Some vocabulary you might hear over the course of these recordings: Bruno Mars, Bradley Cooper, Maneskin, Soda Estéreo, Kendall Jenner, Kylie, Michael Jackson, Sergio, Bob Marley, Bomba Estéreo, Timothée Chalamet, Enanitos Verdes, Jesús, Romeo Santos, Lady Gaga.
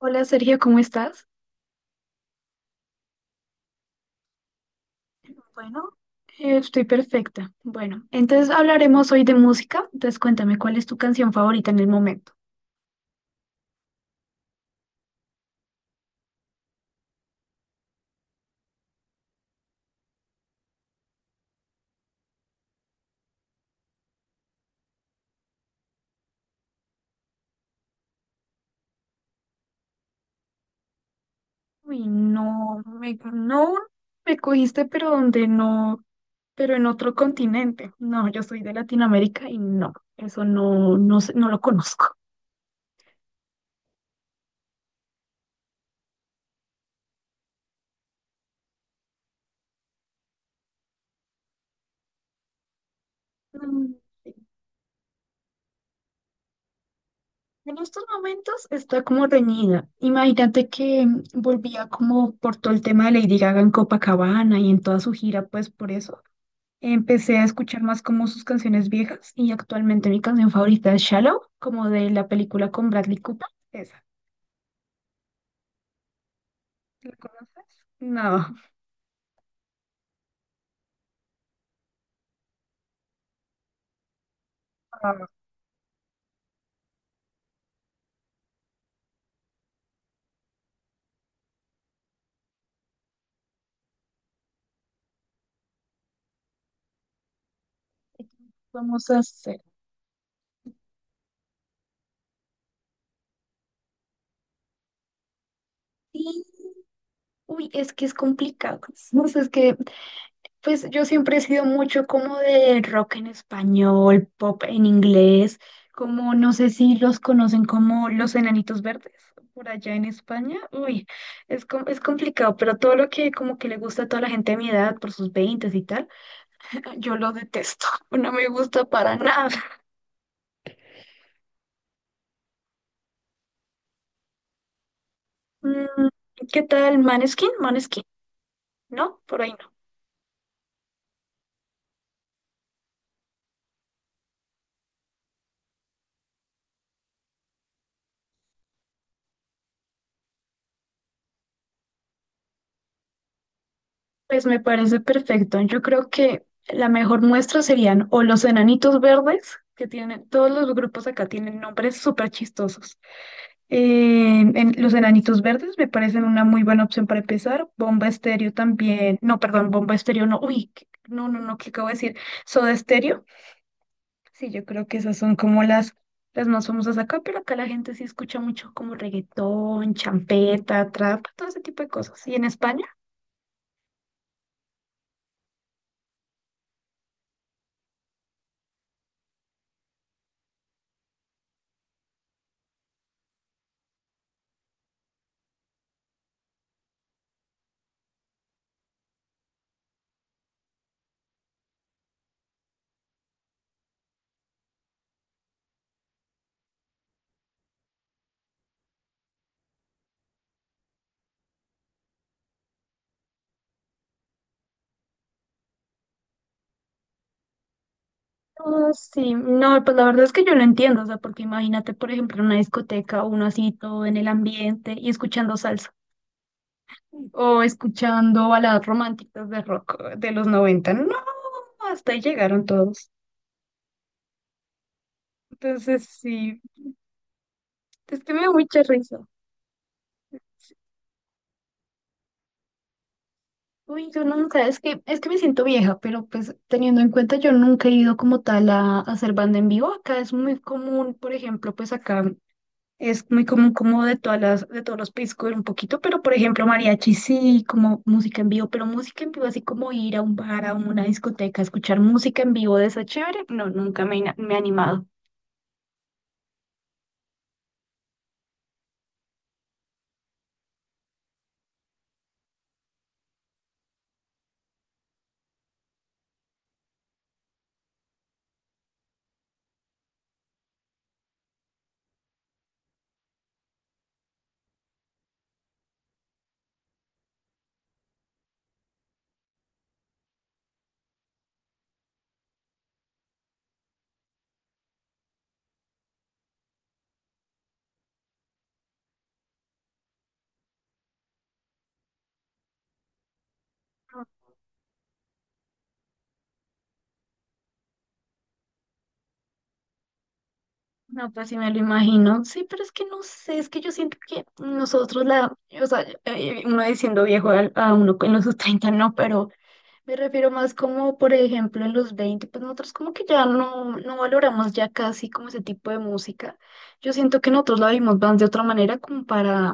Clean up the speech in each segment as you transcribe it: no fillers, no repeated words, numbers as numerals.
Hola Sergio, ¿cómo estás? Bueno, estoy perfecta. Bueno, entonces hablaremos hoy de música. Entonces cuéntame, ¿cuál es tu canción favorita en el momento? Uy, no, no me cogiste, pero donde no, pero en otro continente. No, yo soy de Latinoamérica y no, eso no, no, no lo conozco. Mm. En estos momentos está como reñida. Imagínate que volvía como por todo el tema de Lady Gaga en Copacabana y en toda su gira, pues por eso. Empecé a escuchar más como sus canciones viejas y actualmente mi canción favorita es Shallow, como de la película con Bradley Cooper. Esa, ¿la conoces? No. Ah, ¿qué vamos a hacer. Y, uy, es que es complicado. No sé, es que pues yo siempre he sido mucho como de rock en español, pop en inglés, como no sé si los conocen como los Enanitos Verdes por allá en España. Uy, es complicado, pero todo lo que como que le gusta a toda la gente de mi edad por sus veintes y tal, yo lo detesto, no me gusta para nada. Mm, ¿qué tal Maneskin? Maneskin, ¿no? Por ahí. Pues me parece perfecto. Yo creo que la mejor muestra serían o los enanitos verdes, que tienen, todos los grupos acá tienen nombres súper chistosos. Los enanitos verdes me parecen una muy buena opción para empezar. Bomba Estéreo también. No, perdón, Bomba Estéreo no. Uy, no, no, no, ¿qué acabo de decir? Soda Estéreo. Sí, yo creo que esas son como las más famosas acá, pero acá la gente sí escucha mucho como reggaetón, champeta, trap, todo ese tipo de cosas. ¿Y en España? No, sí, no, pues la verdad es que yo lo entiendo, o sea, porque imagínate, por ejemplo, en una discoteca, uno así todo en el ambiente y escuchando salsa o escuchando baladas románticas de rock de los noventa. No, hasta ahí llegaron todos. Entonces, sí, es que me da mucha risa. Uy, yo nunca, es que, me siento vieja, pero pues teniendo en cuenta, yo nunca he ido como tal a hacer banda en vivo. Acá es muy común, por ejemplo, pues acá. Es muy común como de todas de todos los países coger un poquito, pero por ejemplo mariachi sí, como música en vivo, pero música en vivo así como ir a un bar, a una discoteca, escuchar música en vivo de esa chévere, no, nunca me he animado. No, pues sí me lo imagino. Sí, pero es que no sé, es que yo siento que nosotros o sea, uno diciendo viejo uno en los sus 30, no, pero me refiero más como, por ejemplo, en los 20 pues nosotros como que ya no valoramos ya casi como ese tipo de música. Yo siento que nosotros la vimos más de otra manera como para,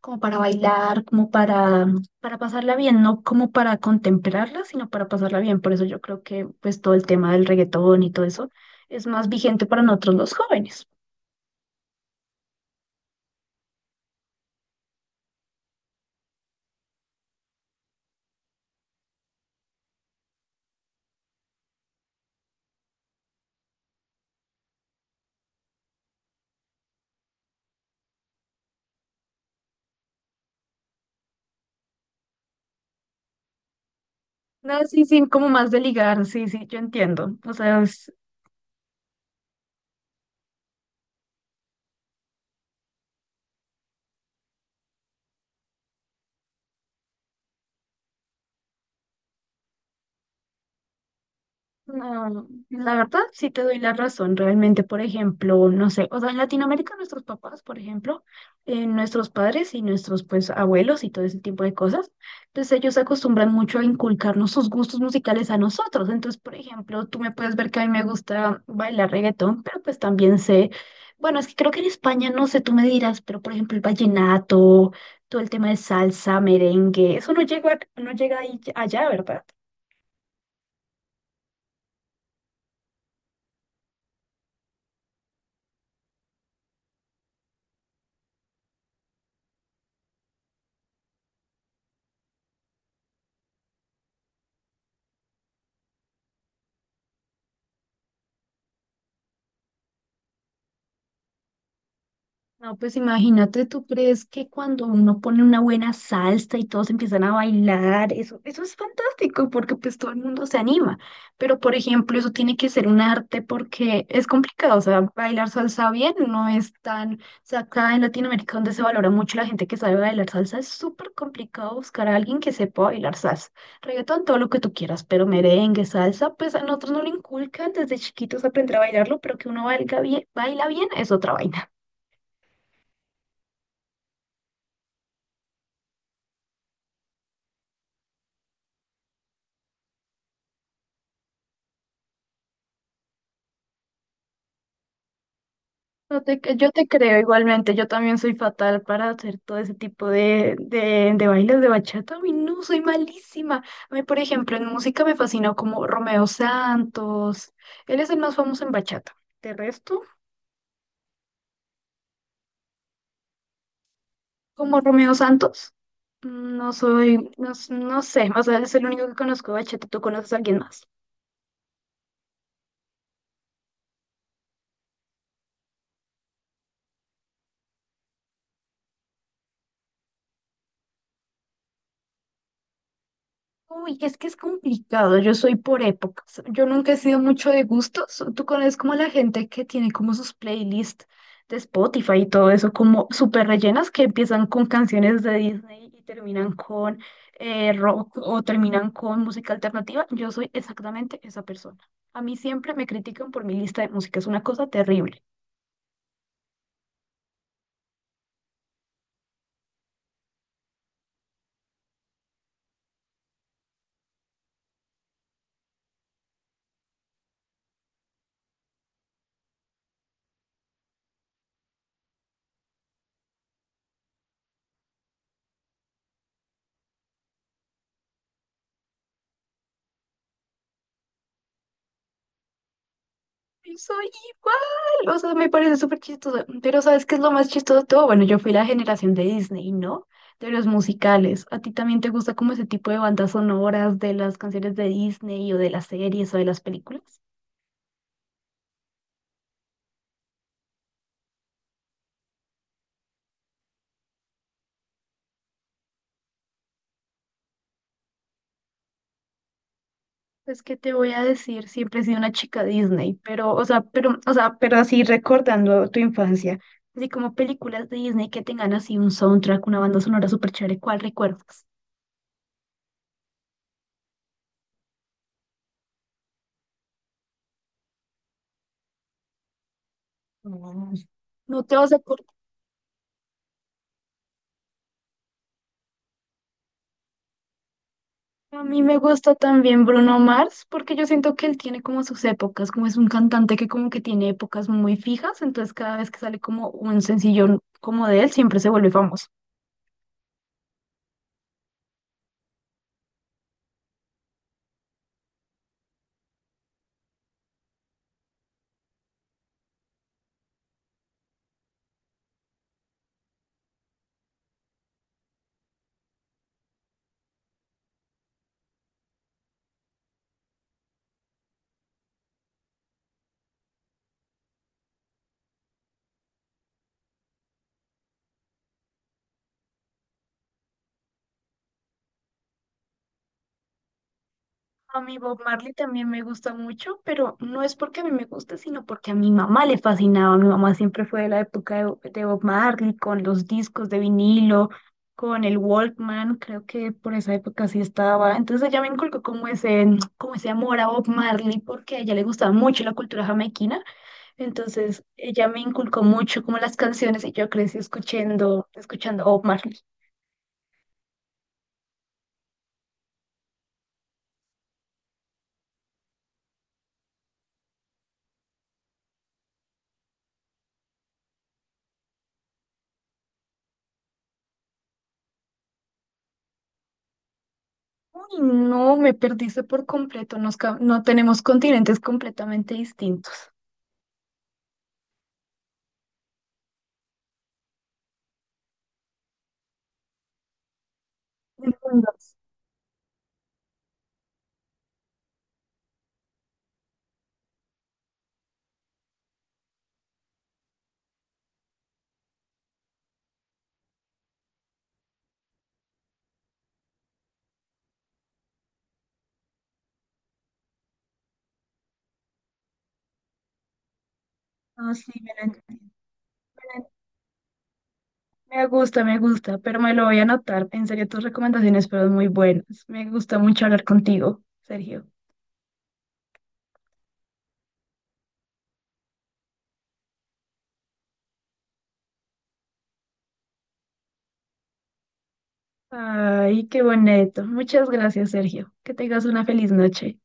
como para bailar, para pasarla bien, no como para contemplarla, sino para pasarla bien. Por eso yo creo que pues todo el tema del reggaetón y todo eso es más vigente para nosotros los jóvenes. No, sí, sí, como más de ligar, sí, sí, yo entiendo. O sea. No, la verdad sí te doy la razón, realmente, por ejemplo, no sé, o sea, en Latinoamérica nuestros papás, por ejemplo, nuestros padres y nuestros pues abuelos y todo ese tipo de cosas, entonces ellos se acostumbran mucho a inculcarnos sus gustos musicales a nosotros, entonces, por ejemplo, tú me puedes ver que a mí me gusta bailar reggaetón, pero pues también sé, bueno, es que creo que en España, no sé, tú me dirás, pero por ejemplo el vallenato, todo el tema de salsa, merengue, eso no llega allá, ¿verdad? No, pues imagínate, ¿tú crees que cuando uno pone una buena salsa y todos empiezan a bailar, eso es fantástico porque pues todo el mundo se anima? Pero por ejemplo, eso tiene que ser un arte porque es complicado, o sea, bailar salsa bien no es tan, o sea, acá en Latinoamérica donde se valora mucho la gente que sabe bailar salsa, es súper complicado buscar a alguien que sepa bailar salsa. Reggaetón, todo lo que tú quieras, pero merengue, salsa, pues a nosotros no lo inculcan desde chiquitos aprender a bailarlo, pero que uno baila bien es otra vaina. No te cre- yo te creo igualmente, yo también soy fatal para hacer todo ese tipo de bailes de bachata. A mí no, soy malísima. A mí, por ejemplo, en música me fascinó como Romeo Santos. Él es el más famoso en bachata. De resto, como Romeo Santos, no soy, no, s- no sé, o sea, es el único que conozco de bachata. ¿Tú conoces a alguien más? Uy, es que es complicado, yo soy por épocas, yo nunca he sido mucho de gustos, tú conoces como la gente que tiene como sus playlists de Spotify y todo eso, como súper rellenas que empiezan con canciones de Disney y terminan con rock o terminan con música alternativa, yo soy exactamente esa persona. A mí siempre me critican por mi lista de música, es una cosa terrible. Y soy igual, o sea, me parece súper chistoso. Pero ¿sabes qué es lo más chistoso de todo? Bueno, yo fui la generación de Disney, ¿no? De los musicales. ¿A ti también te gusta como ese tipo de bandas sonoras de las canciones de Disney o de las series o de las películas? Pues, ¿qué te voy a decir? Siempre he sido una chica Disney, pero así recordando tu infancia, así como películas de Disney que tengan así un soundtrack, una banda sonora súper chévere, ¿cuál recuerdas? Mm. No te vas a acordar. A mí me gusta también Bruno Mars, porque yo siento que él tiene como sus épocas, como es un cantante que como que tiene épocas muy fijas, entonces cada vez que sale como un sencillo como de él, siempre se vuelve famoso. A mí Bob Marley también me gusta mucho, pero no es porque a mí me gusta, sino porque a mi mamá le fascinaba. Mi mamá siempre fue de la época de Bob Marley, con los discos de vinilo, con el Walkman, creo que por esa época sí estaba. Entonces ella me inculcó como ese, amor a Bob Marley, porque a ella le gustaba mucho la cultura jamaiquina. Entonces ella me inculcó mucho como las canciones y yo crecí escuchando Bob Marley. Uy, no, me perdiste por completo. No tenemos continentes completamente distintos. Entiendo. No, sí, la- me gusta, pero me lo voy a anotar. En serio, tus recomendaciones fueron muy buenas. Me gusta mucho hablar contigo, Sergio. Ay, qué bonito. Muchas gracias, Sergio. Que tengas una feliz noche.